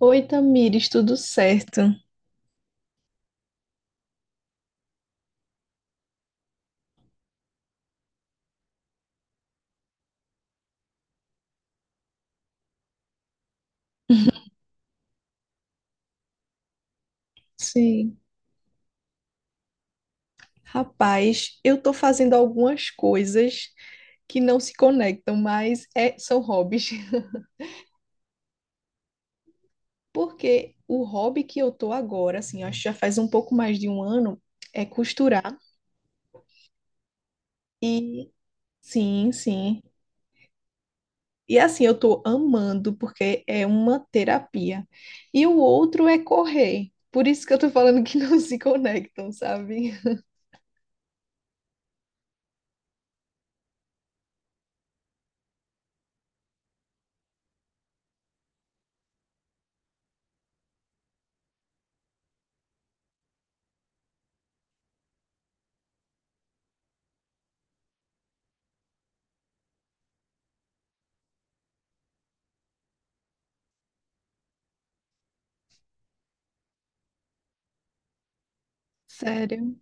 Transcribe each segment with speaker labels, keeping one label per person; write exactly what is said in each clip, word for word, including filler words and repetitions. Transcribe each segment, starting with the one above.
Speaker 1: Oi, Tamires, tudo certo? Sim. Rapaz, eu tô fazendo algumas coisas que não se conectam, mas é- são hobbies. Porque o hobby que eu tô agora, assim, acho que já faz um pouco mais de um ano, é costurar. E sim, sim. E assim, eu tô amando, porque é uma terapia. E o outro é correr. Por isso que eu tô falando que não se conectam, sabe? Sério?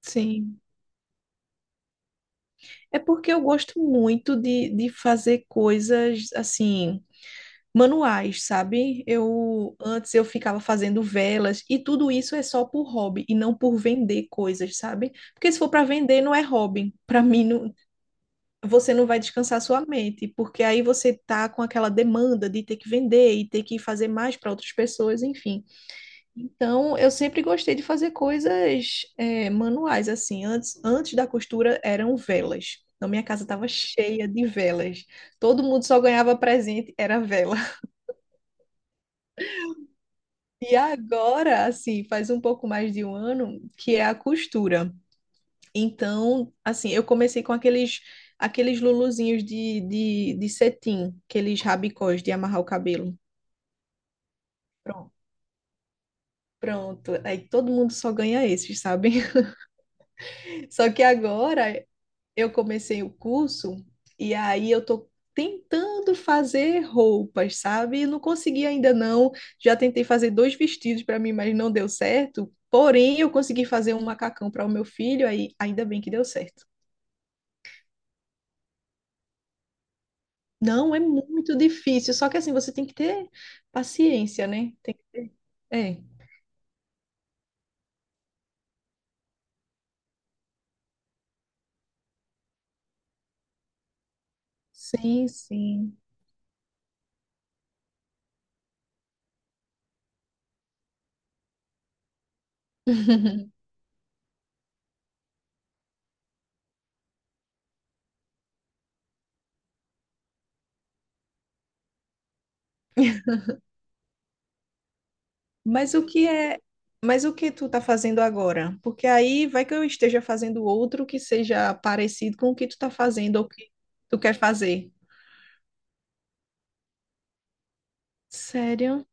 Speaker 1: Sim. É porque eu gosto muito de, de fazer coisas assim, manuais, sabe? Eu antes eu ficava fazendo velas e tudo isso é só por hobby e não por vender coisas, sabe? Porque se for para vender não é hobby. Para mim não, você não vai descansar sua mente, porque aí você tá com aquela demanda de ter que vender e ter que fazer mais para outras pessoas, enfim. Então, eu sempre gostei de fazer coisas é, manuais, assim. Antes, antes da costura eram velas. Então, minha casa estava cheia de velas. Todo mundo só ganhava presente, era vela. E agora, assim, faz um pouco mais de um ano que é a costura. Então, assim, eu comecei com aqueles aqueles luluzinhos de, de, de cetim, aqueles rabicós de amarrar o cabelo. Pronto. Pronto, aí todo mundo só ganha esses, sabe? Só que agora eu comecei o curso e aí eu tô tentando fazer roupas, sabe? Não consegui ainda não. Já tentei fazer dois vestidos para mim, mas não deu certo. Porém, eu consegui fazer um macacão para o meu filho, aí ainda bem que deu certo. Não, é muito difícil, só que assim você tem que ter paciência, né? Tem que ter. É. Sim, sim. Mas o que é, mas o que tu tá fazendo agora? Porque aí vai que eu esteja fazendo outro que seja parecido com o que tu tá fazendo ou que tu quer fazer. Sério?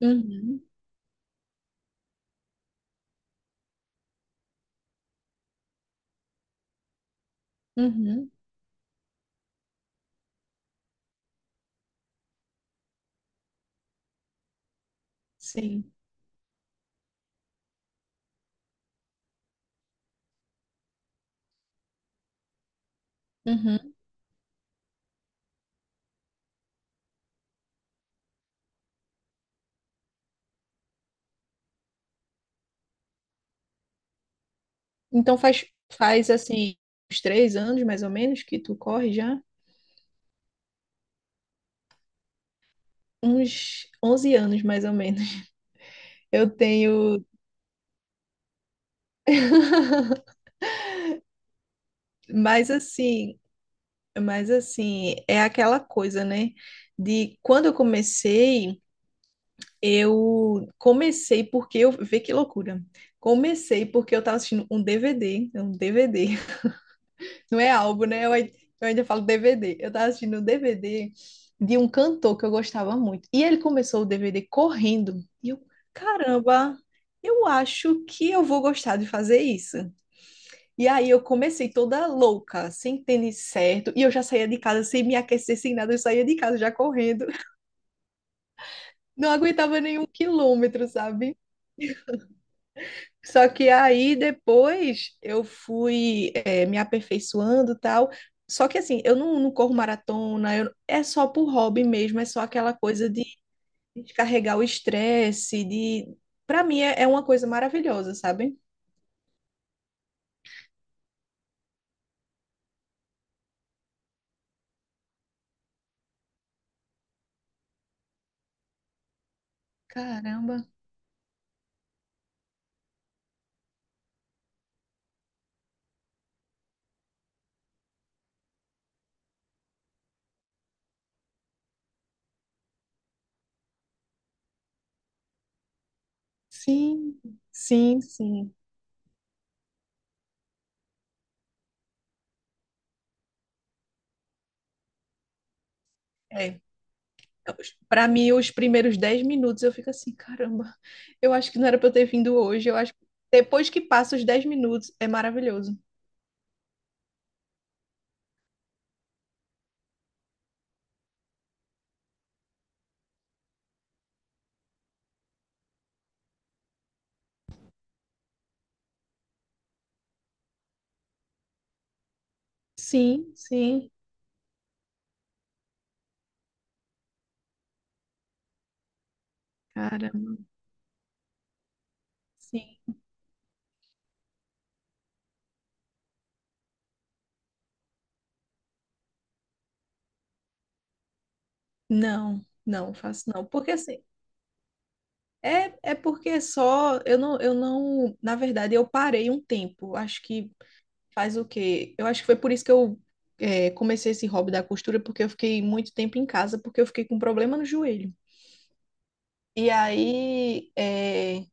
Speaker 1: Uhum, uhum, sim. Uhum. Então faz faz assim uns três anos mais ou menos que tu corre já? Uns onze anos mais ou menos. Eu tenho Mas assim, mas assim, é aquela coisa, né? De quando eu comecei. Eu comecei porque eu. Vê que loucura. Comecei porque eu tava assistindo um D V D. É um D V D. Não é álbum, né? Eu, ai- eu ainda falo D V D. Eu tava assistindo um D V D de um cantor que eu gostava muito. E ele começou o D V D correndo. E eu, caramba, eu acho que eu vou gostar de fazer isso. E aí eu comecei toda louca, sem tênis certo. E eu já saía de casa sem me aquecer, sem nada. Eu saía de casa já correndo. Não aguentava nenhum quilômetro, sabe? Só que aí depois eu fui eh, me aperfeiçoando e tal. Só que assim, eu não, não corro maratona, eu- é só por hobby mesmo, é só aquela coisa de descarregar o estresse, de... Pra mim é, é uma coisa maravilhosa, sabe? Caramba. Sim, sim, sim. É. Para mim, os primeiros dez minutos eu fico assim, caramba, eu acho que não era pra eu ter vindo hoje. Eu acho que depois que passa os dez minutos, é maravilhoso. Sim, sim. Caramba. Sim. Não, não faço não. Porque assim, é, é porque só eu não, eu não, na verdade, eu parei um tempo. Acho que faz o quê? Eu acho que foi por isso que eu é, comecei esse hobby da costura, porque eu fiquei muito tempo em casa, porque eu fiquei com um problema no joelho. E aí é,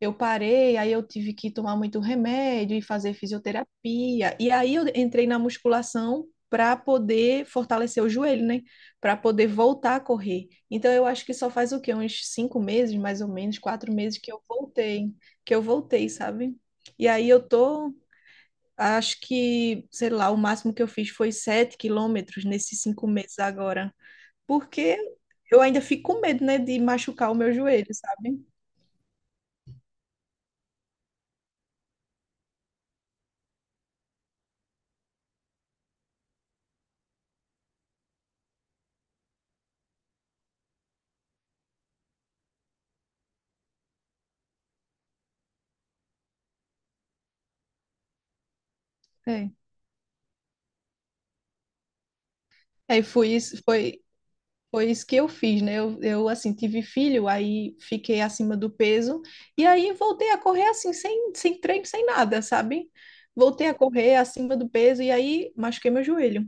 Speaker 1: eu parei, aí eu tive que tomar muito remédio e fazer fisioterapia. E aí eu entrei na musculação para poder fortalecer o joelho, né? Para poder voltar a correr. Então eu acho que só faz o quê? Uns cinco meses, mais ou menos, quatro meses que eu voltei, que eu voltei, sabe? E aí eu tô, acho que, sei lá, o máximo que eu fiz foi sete quilômetros nesses cinco meses agora. Porque eu ainda fico com medo, né, de machucar o meu joelho, sabe? É. Aí foi isso, foi, foi isso que eu fiz, né? Eu, eu, assim, tive filho, aí fiquei acima do peso, e aí voltei a correr, assim, sem, sem treino, sem nada, sabe? Voltei a correr acima do peso, e aí machuquei meu joelho.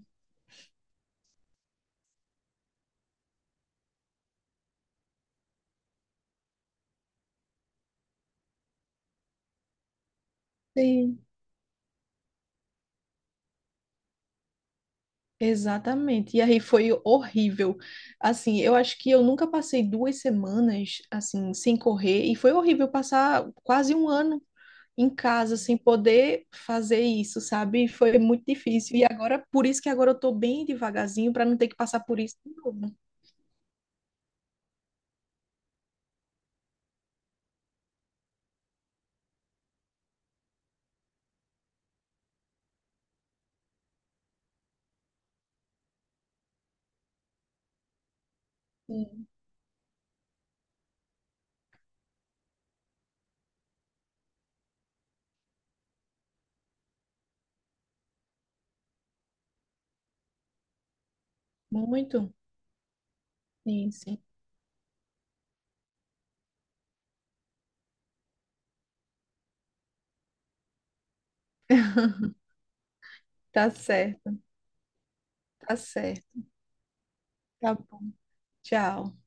Speaker 1: Sim. Exatamente. E aí foi horrível. Assim, eu acho que eu nunca passei duas semanas assim sem correr e foi horrível passar quase um ano em casa sem poder fazer isso, sabe? Foi muito difícil. E agora, por isso que agora eu tô bem devagarzinho para não ter que passar por isso de novo. Sim, muito. Sim, sim. Tá certo, tá certo. Tá bom. Tchau.